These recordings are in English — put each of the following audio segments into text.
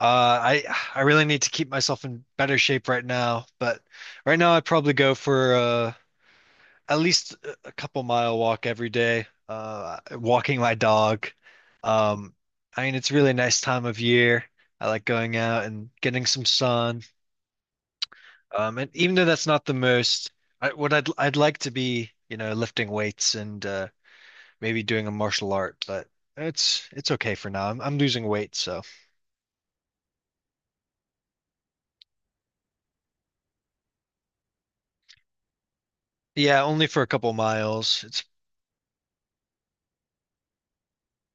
I really need to keep myself in better shape right now, but right now I'd probably go for at least a couple mile walk every day, walking my dog. Um, I mean, it's really a really nice time of year. I like going out and getting some sun. And even though that's not the most, what I'd like to be, lifting weights and maybe doing a martial art, but it's okay for now. I'm losing weight, so. Yeah, only for a couple miles. It's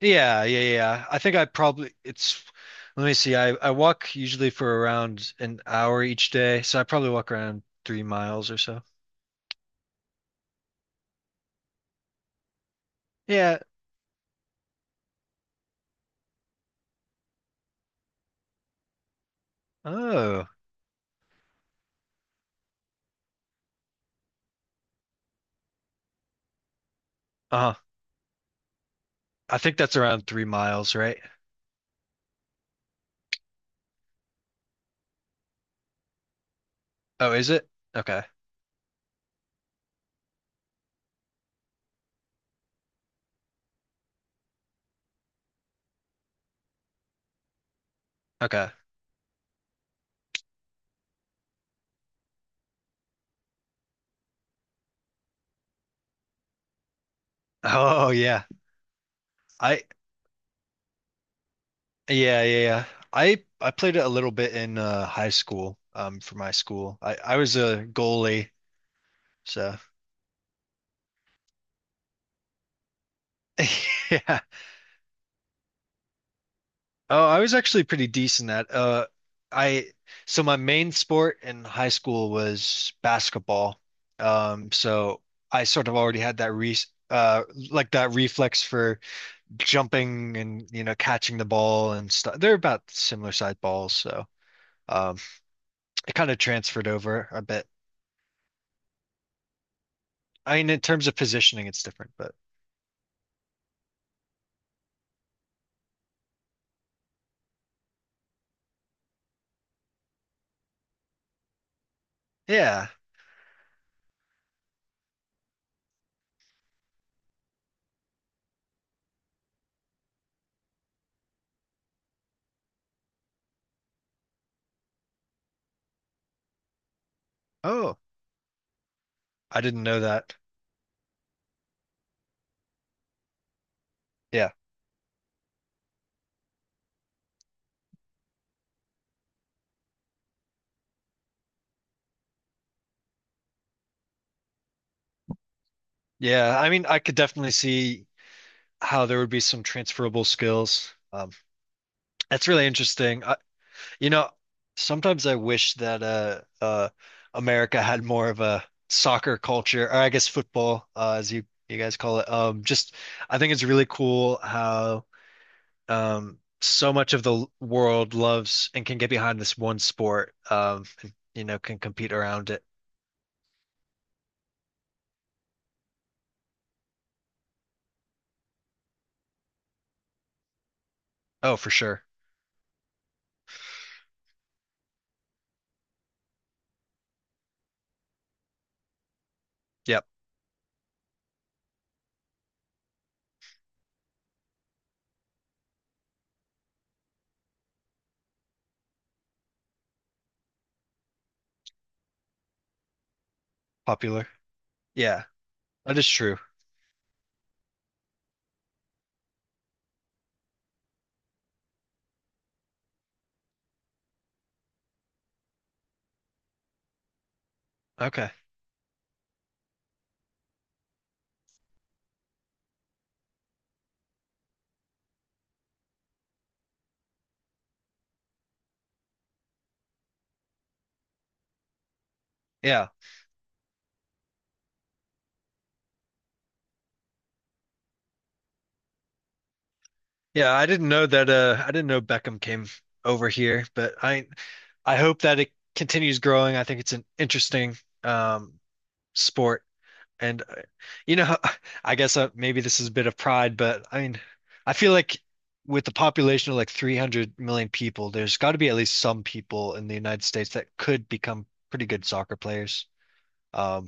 yeah, yeah, yeah. I think I probably it's. Let me see. I walk usually for around an hour each day, so I probably walk around three miles or so. Yeah. Oh. Uh-huh. I think that's around three miles, right? Oh, is it? Okay. Okay. Oh yeah. I yeah, yeah, yeah. I played it a little bit in high school, for my school. I was a goalie, so yeah. Oh, I was actually pretty decent at I So my main sport in high school was basketball. So I sort of already had that re uh like that reflex for jumping, and you know, catching the ball and stuff. They're about similar sized balls, so um it kind of transferred over a bit. I mean, in terms of positioning it's different, but yeah. Oh, I didn't know that. Yeah. Yeah, I mean I could definitely see how there would be some transferable skills. That's really interesting. You know, sometimes I wish that America had more of a soccer culture, or I guess football, as you guys call it. Just I think it's really cool how so much of the world loves and can get behind this one sport. And, you know, can compete around it. Oh, for sure. Yep, popular. Yeah, that is true. Okay. Yeah, yeah. I didn't know that. I didn't know Beckham came over here, but I hope that it continues growing. I think it's an interesting um, sport, and you know, I guess maybe this is a bit of pride, but I mean, I feel like with the population of like 300 million people, there's got to be at least some people in the United States that could become pretty good soccer players. Um,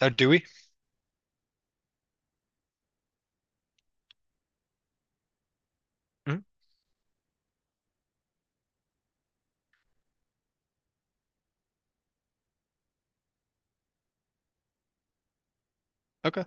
oh, do we? Hmm? Okay.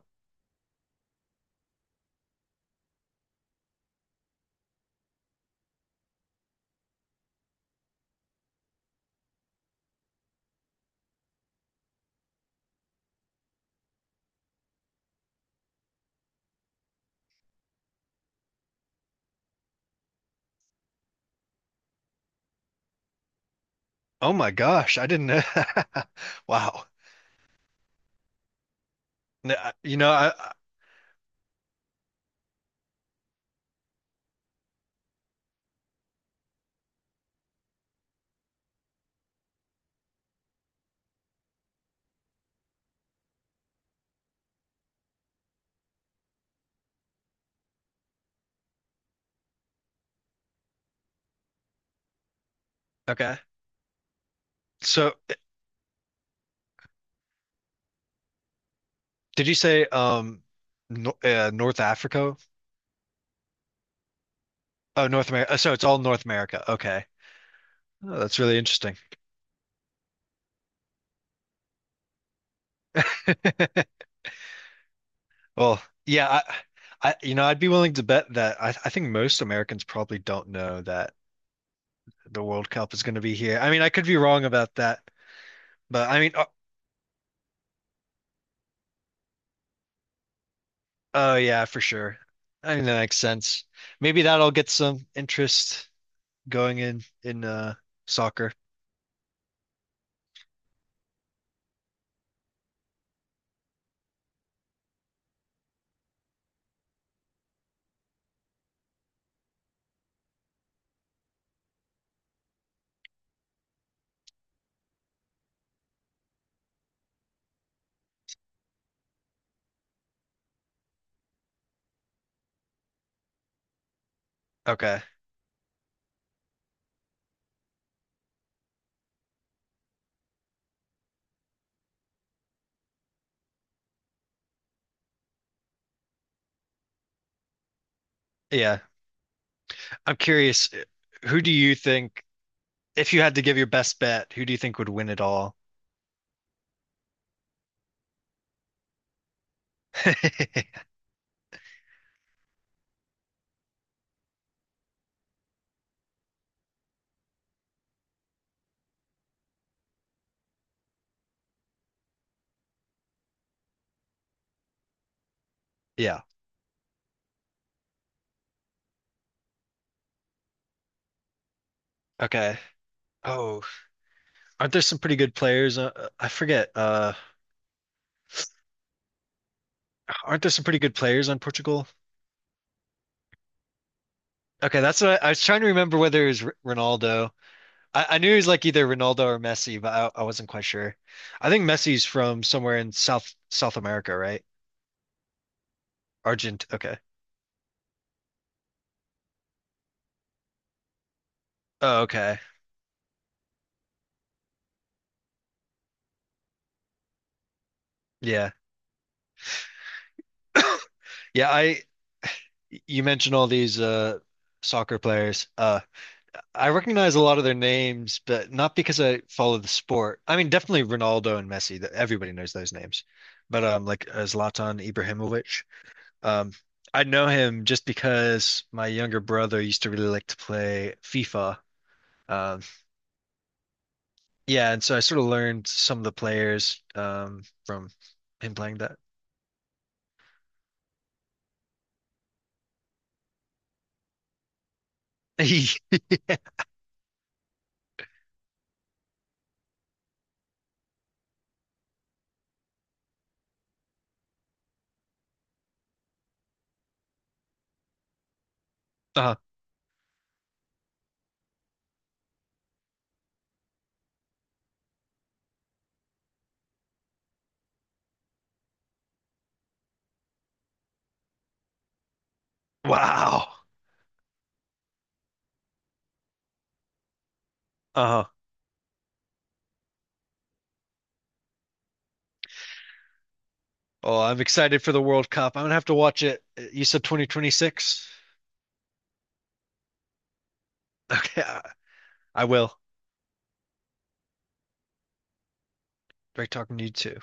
Oh my gosh, I didn't know. Wow. You know, okay. So, did you say no, North Africa. Oh, North America. So it's all North America. Okay. Oh, that's really interesting. Well, yeah, you know, I'd be willing to bet that I think most Americans probably don't know that the World Cup is going to be here. I mean, I could be wrong about that, but I mean, oh, oh yeah, for sure. I mean, that makes sense. Maybe that'll get some interest going in soccer. Okay. Yeah. I'm curious, who do you think, if you had to give your best bet, who do you think would win it all? Yeah. Okay. Oh, aren't there some pretty good players? I forget. Aren't there some pretty good players on Portugal? Okay, that's what I was trying to remember whether it was R Ronaldo. I knew he was like either Ronaldo or Messi, but I wasn't quite sure. I think Messi's from somewhere in South America, right? Argent. Okay. Oh, okay. Yeah. Yeah. I you mentioned all these soccer players. I recognize a lot of their names, but not because I follow the sport. I mean, definitely Ronaldo and Messi, that everybody knows those names. But like Zlatan Ibrahimovic, um I know him just because my younger brother used to really like to play FIFA. Um yeah, and so I sort of learned some of the players from him playing that. uh, wow. Uh, oh, I'm excited for the World Cup. I'm gonna have to watch it. You said 2026? Okay, I will. Great talking to you too.